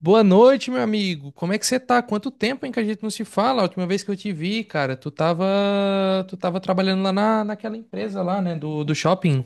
Boa noite, meu amigo. Como é que você tá? Quanto tempo, hein, que a gente não se fala? A última vez que eu te vi, cara, tu tava trabalhando lá naquela empresa lá, né, do shopping.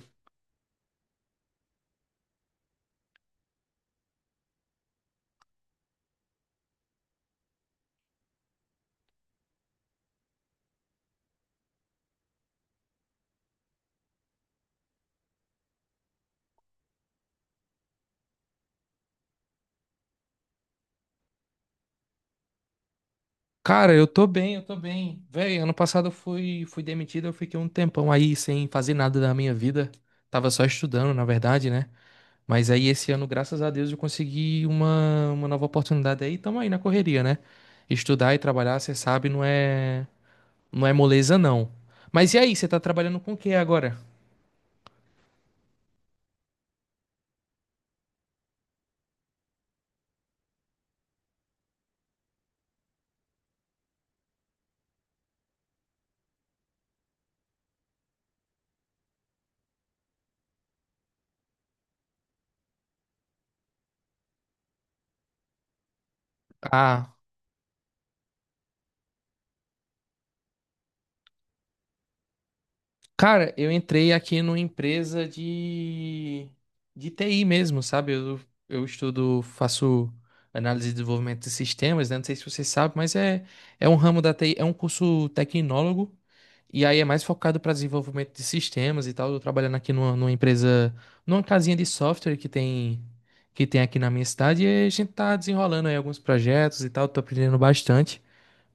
Cara, eu tô bem. Véi, ano passado eu fui demitido, eu fiquei um tempão aí sem fazer nada da minha vida. Tava só estudando, na verdade, né? Mas aí esse ano, graças a Deus, eu consegui uma nova oportunidade aí, tamo aí na correria, né? Estudar e trabalhar, você sabe, não é. Não é moleza, não. Mas e aí, você tá trabalhando com o que agora? Ah, cara, eu entrei aqui numa empresa de TI mesmo, sabe? Eu estudo, faço análise de desenvolvimento de sistemas, né? Não sei se você sabe, mas é um ramo da TI, é um curso tecnólogo, e aí é mais focado para desenvolvimento de sistemas e tal. Eu tô trabalhando aqui numa empresa, numa casinha de software que tem aqui na minha cidade, e a gente tá desenrolando aí alguns projetos e tal, tô aprendendo bastante.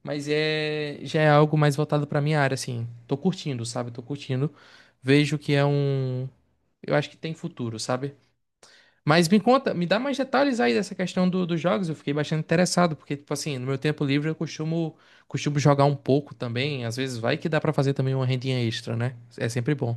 Mas é, já é algo mais voltado pra minha área, assim. Tô curtindo, sabe? Tô curtindo. Vejo que é um. Eu acho que tem futuro, sabe? Mas me conta, me dá mais detalhes aí dessa questão dos jogos. Eu fiquei bastante interessado, porque, tipo assim, no meu tempo livre eu costumo jogar um pouco também. Às vezes vai que dá pra fazer também uma rendinha extra, né? É sempre bom.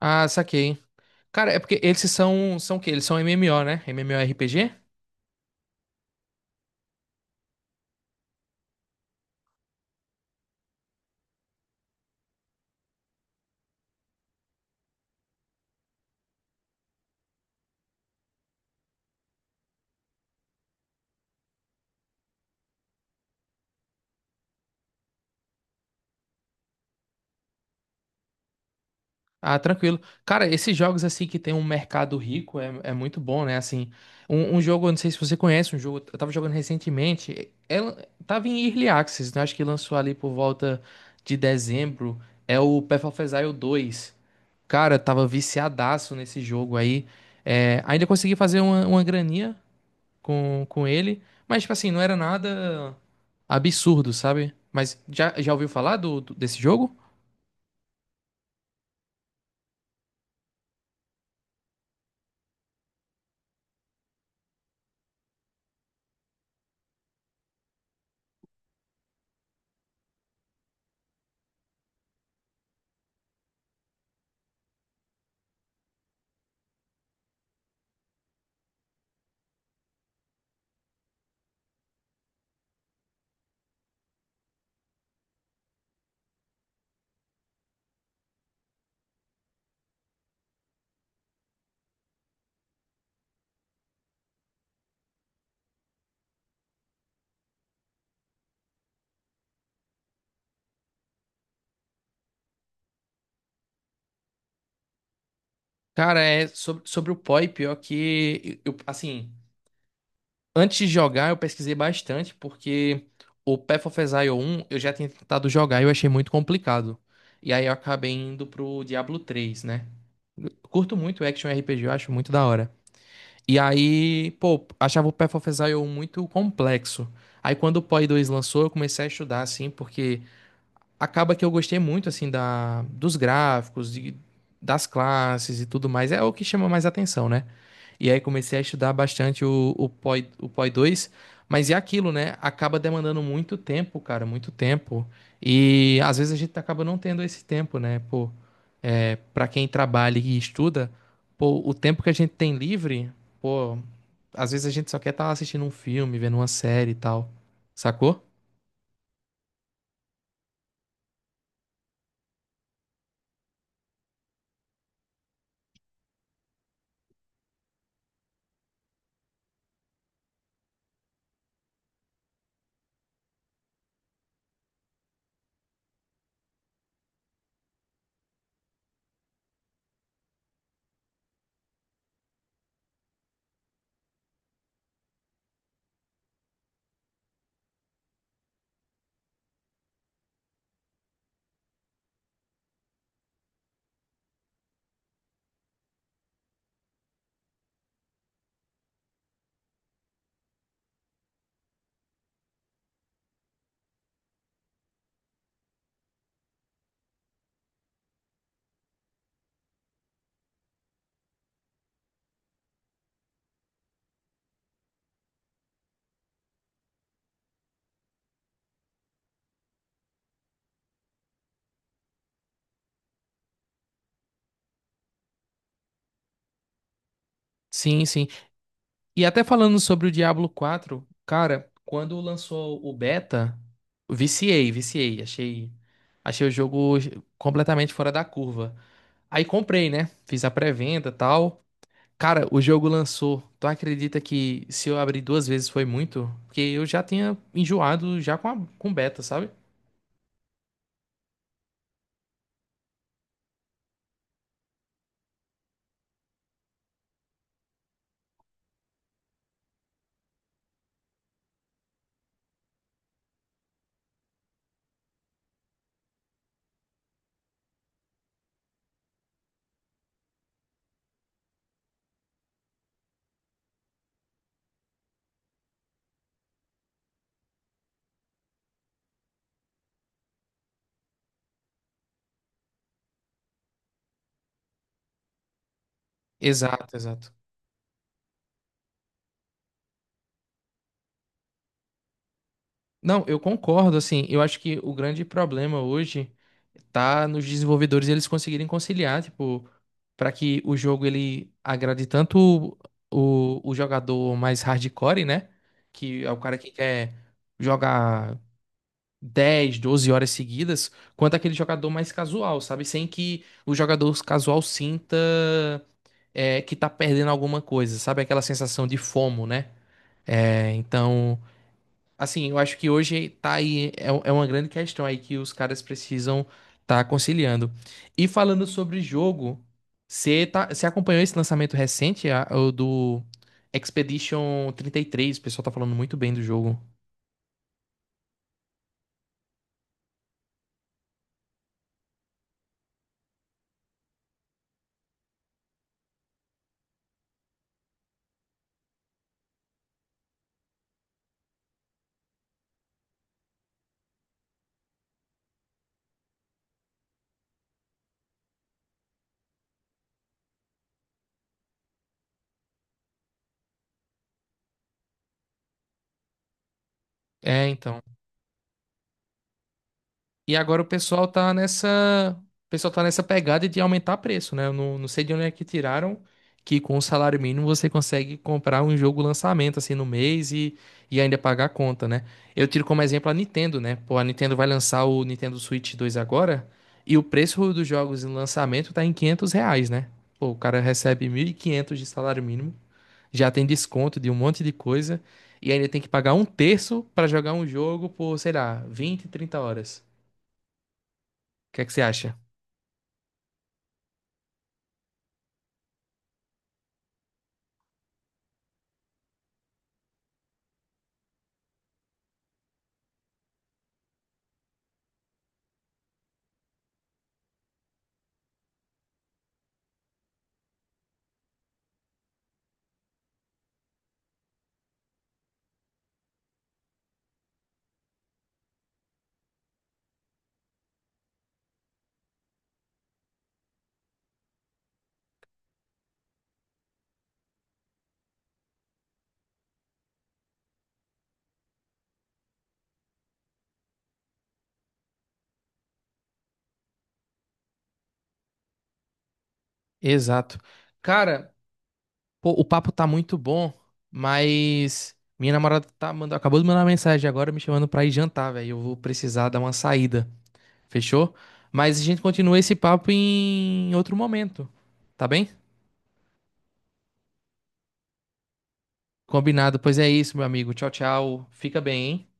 Ah, saquei. Cara, é porque eles são o quê? Eles são MMO, né? MMORPG? Ah, tranquilo. Cara, esses jogos assim que tem um mercado rico é muito bom, né? Assim, um jogo, eu não sei se você conhece, um jogo, eu tava jogando recentemente, ela tava em Early Access, né? Acho que lançou ali por volta de dezembro, é o Path of Exile 2. Cara, eu tava viciadaço nesse jogo aí. É, ainda consegui fazer uma graninha com ele, mas tipo assim, não era nada absurdo, sabe? Mas já ouviu falar desse jogo? Cara, é sobre o POI, pior que eu, assim, antes de jogar eu pesquisei bastante, porque o Path of Exile 1 eu já tinha tentado jogar e eu achei muito complicado. E aí eu acabei indo pro Diablo 3, né? Eu curto muito action RPG, eu acho muito da hora. E aí, pô, achava o Path of Exile 1 muito complexo. Aí quando o POI 2 lançou, eu comecei a estudar, assim, porque acaba que eu gostei muito assim da dos gráficos, das classes e tudo mais. É o que chama mais atenção, né? E aí comecei a estudar bastante o POI, o POI 2, mas é aquilo, né? Acaba demandando muito tempo, cara, muito tempo. E às vezes a gente acaba não tendo esse tempo, né? Pô, é, para quem trabalha e estuda, pô, o tempo que a gente tem livre, pô, às vezes a gente só quer estar assistindo um filme, vendo uma série e tal. Sacou? Sim, sim. E até falando sobre o Diablo 4, cara, quando lançou o beta, viciei, achei o jogo completamente fora da curva. Aí comprei, né? Fiz a pré-venda, e tal. Cara, o jogo lançou. Tu acredita que se eu abrir duas vezes foi muito? Porque eu já tinha enjoado já com com beta, sabe? Exato, exato. Não, eu concordo, assim, eu acho que o grande problema hoje tá nos desenvolvedores eles conseguirem conciliar, tipo, para que o jogo ele agrade tanto o jogador mais hardcore, né? Que é o cara que quer jogar 10, 12 horas seguidas, quanto aquele jogador mais casual, sabe? Sem que o jogador casual sinta é, que tá perdendo alguma coisa, sabe? Aquela sensação de FOMO, né? É, então. Assim, eu acho que hoje tá aí, é, um, é uma grande questão aí que os caras precisam tá conciliando. E falando sobre jogo, você tá, você acompanhou esse lançamento recente, o do Expedition 33. O pessoal tá falando muito bem do jogo. É, então. E agora o pessoal tá nessa, o pessoal tá nessa pegada de aumentar preço, né? Eu não sei de onde é que tiraram que com o salário mínimo você consegue comprar um jogo lançamento assim no mês e ainda pagar a conta, né? Eu tiro como exemplo a Nintendo, né? Pô, a Nintendo vai lançar o Nintendo Switch dois agora e o preço dos jogos em lançamento tá em R$ 500, né? Pô, o cara recebe 1.500 de salário mínimo, já tem desconto de um monte de coisa e ainda tem que pagar um terço pra jogar um jogo por, sei lá, 20, 30 horas. O que é que você acha? Exato. Cara, pô, o papo tá muito bom, mas minha namorada tá mandando, acabou de mandar uma mensagem agora me chamando pra ir jantar, velho. Eu vou precisar dar uma saída. Fechou? Mas a gente continua esse papo em outro momento. Tá bem? Combinado. Pois é isso, meu amigo. Tchau, tchau. Fica bem, hein?